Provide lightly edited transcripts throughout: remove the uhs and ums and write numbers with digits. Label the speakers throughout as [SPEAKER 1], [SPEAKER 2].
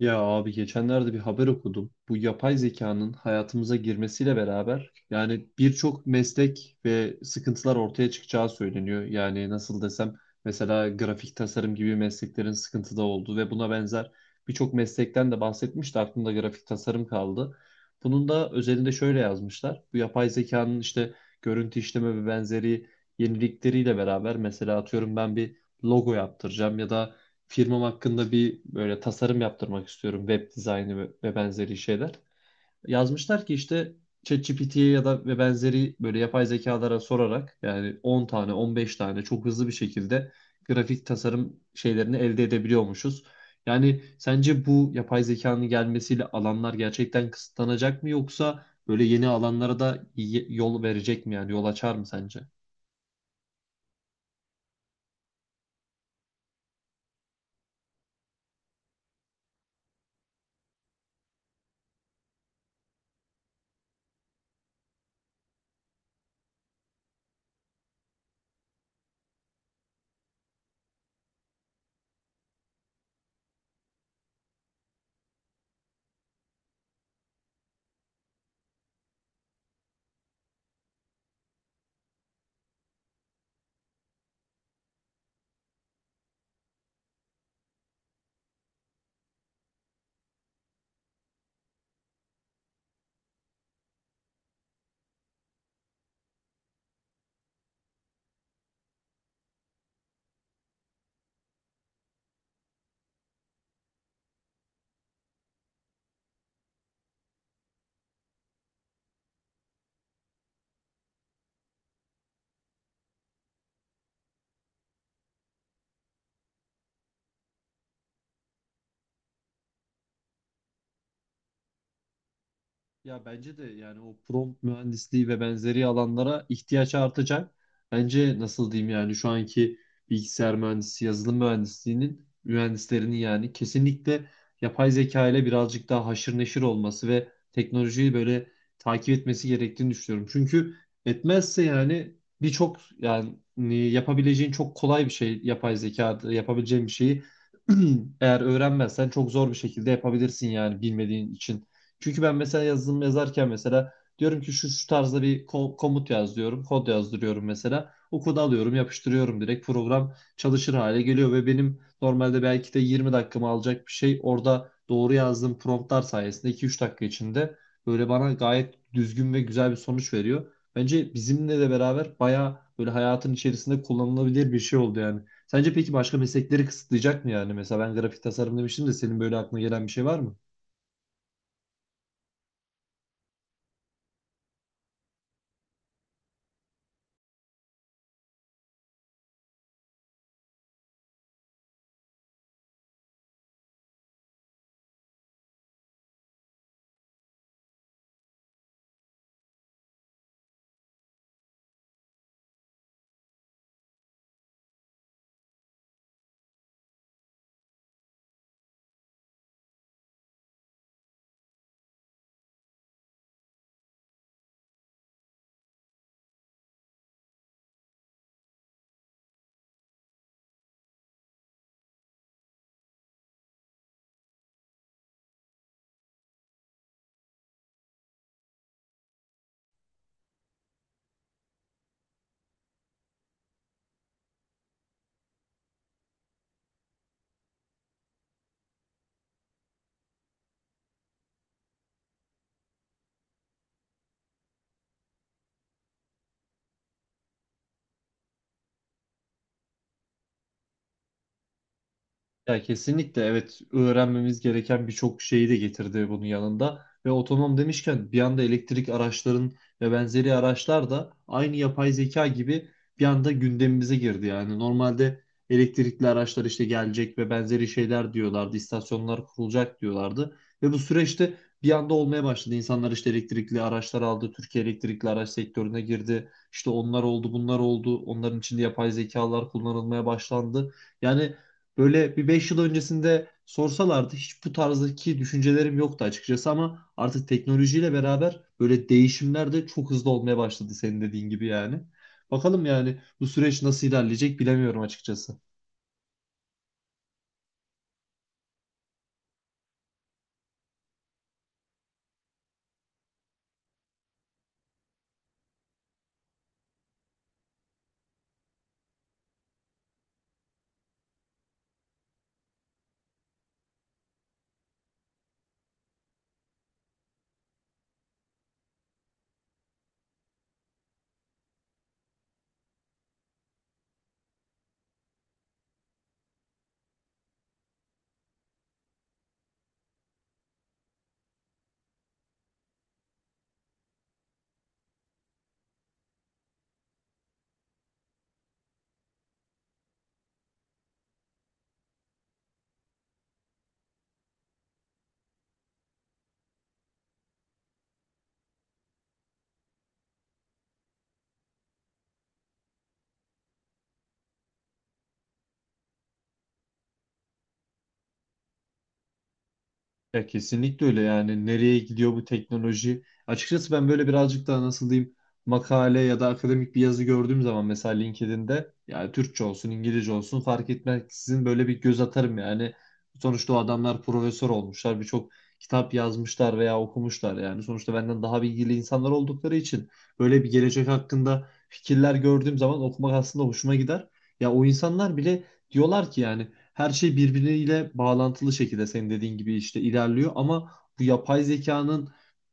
[SPEAKER 1] Ya abi geçenlerde bir haber okudum. Bu yapay zekanın hayatımıza girmesiyle beraber yani birçok meslek ve sıkıntılar ortaya çıkacağı söyleniyor. Yani nasıl desem, mesela grafik tasarım gibi mesleklerin sıkıntıda olduğu ve buna benzer birçok meslekten de bahsetmişti. Aklımda grafik tasarım kaldı. Bunun da özelinde şöyle yazmışlar. Bu yapay zekanın işte görüntü işleme ve benzeri yenilikleriyle beraber, mesela atıyorum, ben bir logo yaptıracağım ya da firmam hakkında bir böyle tasarım yaptırmak istiyorum. Web dizaynı ve benzeri şeyler. Yazmışlar ki işte ChatGPT'ye ya da ve benzeri böyle yapay zekalara sorarak yani 10 tane 15 tane çok hızlı bir şekilde grafik tasarım şeylerini elde edebiliyormuşuz. Yani sence bu yapay zekanın gelmesiyle alanlar gerçekten kısıtlanacak mı, yoksa böyle yeni alanlara da yol verecek mi, yani yol açar mı sence? Ya bence de yani o prompt mühendisliği ve benzeri alanlara ihtiyaç artacak. Bence nasıl diyeyim, yani şu anki bilgisayar mühendisi, yazılım mühendisliğinin mühendislerinin yani kesinlikle yapay zeka ile birazcık daha haşır neşir olması ve teknolojiyi böyle takip etmesi gerektiğini düşünüyorum. Çünkü etmezse yani, birçok yani yapabileceğin çok kolay bir şey, yapay zekada yapabileceğin bir şeyi eğer öğrenmezsen çok zor bir şekilde yapabilirsin yani, bilmediğin için. Çünkü ben mesela yazılım yazarken mesela diyorum ki şu şu tarzda bir komut yaz diyorum. Kod yazdırıyorum mesela. O kodu alıyorum, yapıştırıyorum, direkt program çalışır hale geliyor ve benim normalde belki de 20 dakikamı alacak bir şey, orada doğru yazdığım promptlar sayesinde 2-3 dakika içinde böyle bana gayet düzgün ve güzel bir sonuç veriyor. Bence bizimle de beraber bayağı böyle hayatın içerisinde kullanılabilir bir şey oldu yani. Sence peki başka meslekleri kısıtlayacak mı yani? Mesela ben grafik tasarım demiştim de, senin böyle aklına gelen bir şey var mı? Ya kesinlikle evet, öğrenmemiz gereken birçok şeyi de getirdi bunun yanında. Ve otonom demişken, bir anda elektrik araçların ve benzeri araçlar da aynı yapay zeka gibi bir anda gündemimize girdi. Yani normalde elektrikli araçlar işte gelecek ve benzeri şeyler diyorlardı. İstasyonlar kurulacak diyorlardı. Ve bu süreçte bir anda olmaya başladı. İnsanlar işte elektrikli araçlar aldı. Türkiye elektrikli araç sektörüne girdi. İşte onlar oldu, bunlar oldu. Onların içinde yapay zekalar kullanılmaya başlandı. Yani böyle bir 5 yıl öncesinde sorsalardı hiç bu tarzdaki düşüncelerim yoktu açıkçası, ama artık teknolojiyle beraber böyle değişimler de çok hızlı olmaya başladı, senin dediğin gibi yani. Bakalım yani bu süreç nasıl ilerleyecek, bilemiyorum açıkçası. Ya kesinlikle öyle. Yani nereye gidiyor bu teknoloji? Açıkçası ben böyle birazcık daha, nasıl diyeyim, makale ya da akademik bir yazı gördüğüm zaman, mesela LinkedIn'de, yani Türkçe olsun İngilizce olsun fark etmeksizin, böyle bir göz atarım yani. Sonuçta o adamlar profesör olmuşlar, birçok kitap yazmışlar veya okumuşlar yani. Sonuçta benden daha bilgili insanlar oldukları için böyle bir gelecek hakkında fikirler gördüğüm zaman okumak aslında hoşuma gider. Ya o insanlar bile diyorlar ki yani her şey birbiriyle bağlantılı şekilde senin dediğin gibi işte ilerliyor, ama bu yapay zekanın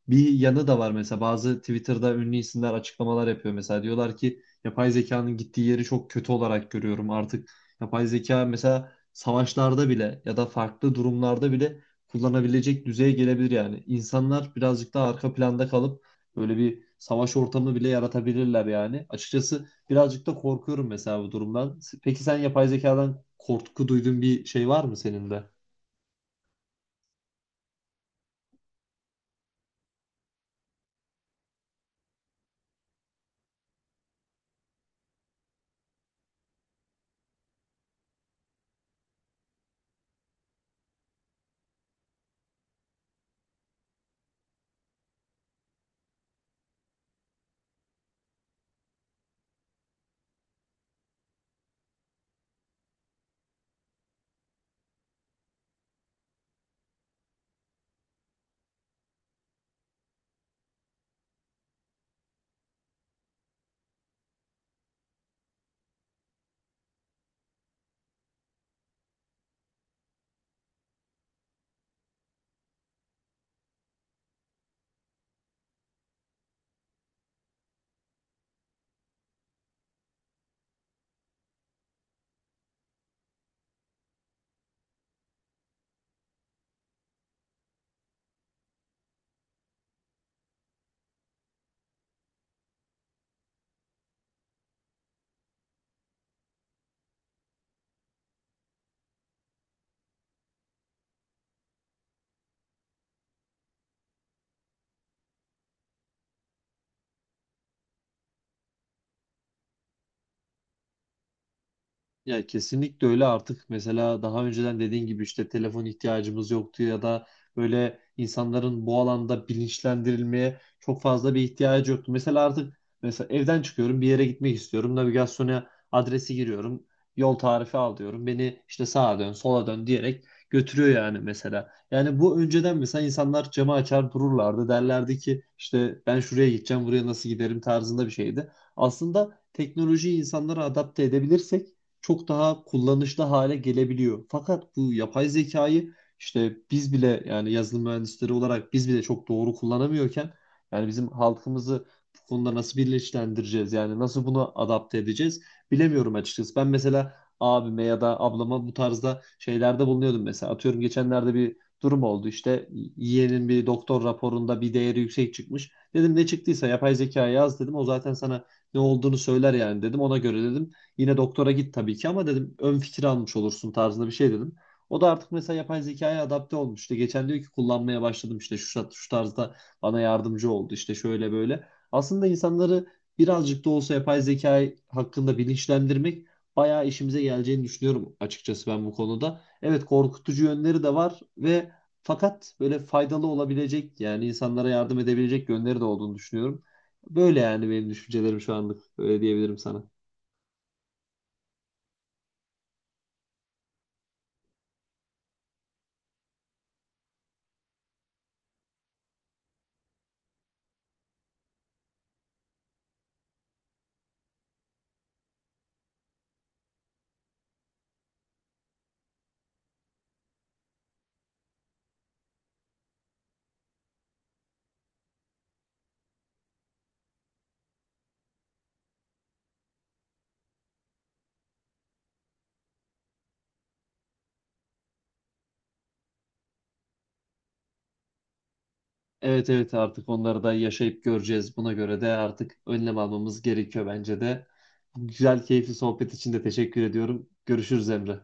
[SPEAKER 1] bir yanı da var. Mesela bazı Twitter'da ünlü isimler açıklamalar yapıyor, mesela diyorlar ki yapay zekanın gittiği yeri çok kötü olarak görüyorum artık. Yapay zeka mesela savaşlarda bile ya da farklı durumlarda bile kullanabilecek düzeye gelebilir, yani insanlar birazcık daha arka planda kalıp böyle bir savaş ortamı bile yaratabilirler yani, açıkçası. Birazcık da korkuyorum mesela bu durumdan. Peki sen, yapay zekadan korku duyduğun bir şey var mı senin de? Ya kesinlikle öyle. Artık mesela daha önceden dediğin gibi işte telefon ihtiyacımız yoktu, ya da böyle insanların bu alanda bilinçlendirilmeye çok fazla bir ihtiyacı yoktu. Mesela artık, mesela evden çıkıyorum, bir yere gitmek istiyorum. Navigasyona adresi giriyorum. Yol tarifi al diyorum. Beni işte sağa dön, sola dön diyerek götürüyor yani mesela. Yani bu önceden mesela insanlar camı açar dururlardı. Derlerdi ki işte ben şuraya gideceğim, buraya nasıl giderim tarzında bir şeydi. Aslında teknolojiyi insanlara adapte edebilirsek çok daha kullanışlı hale gelebiliyor. Fakat bu yapay zekayı işte biz bile, yani yazılım mühendisleri olarak biz bile çok doğru kullanamıyorken, yani bizim halkımızı bu konuda nasıl birleştireceğiz, yani nasıl bunu adapte edeceğiz, bilemiyorum açıkçası. Ben mesela abime ya da ablama bu tarzda şeylerde bulunuyordum. Mesela atıyorum, geçenlerde bir durum oldu işte, yeğenin bir doktor raporunda bir değeri yüksek çıkmış. Dedim ne çıktıysa yapay zekaya yaz, dedim o zaten sana ne olduğunu söyler yani, dedim ona göre, dedim yine doktora git tabii ki ama, dedim ön fikir almış olursun tarzında bir şey dedim. O da artık mesela yapay zekaya adapte olmuş. İşte geçen diyor ki, kullanmaya başladım işte şu şu tarzda bana yardımcı oldu işte, şöyle böyle. Aslında insanları birazcık da olsa yapay zeka hakkında bilinçlendirmek bayağı işimize geleceğini düşünüyorum açıkçası, ben bu konuda. Evet, korkutucu yönleri de var ve fakat böyle faydalı olabilecek, yani insanlara yardım edebilecek yönleri de olduğunu düşünüyorum. Böyle yani, benim düşüncelerim şu anlık öyle diyebilirim sana. Evet, evet, artık onları da yaşayıp göreceğiz. Buna göre de artık önlem almamız gerekiyor bence de. Güzel, keyifli sohbet için de teşekkür ediyorum. Görüşürüz Emre.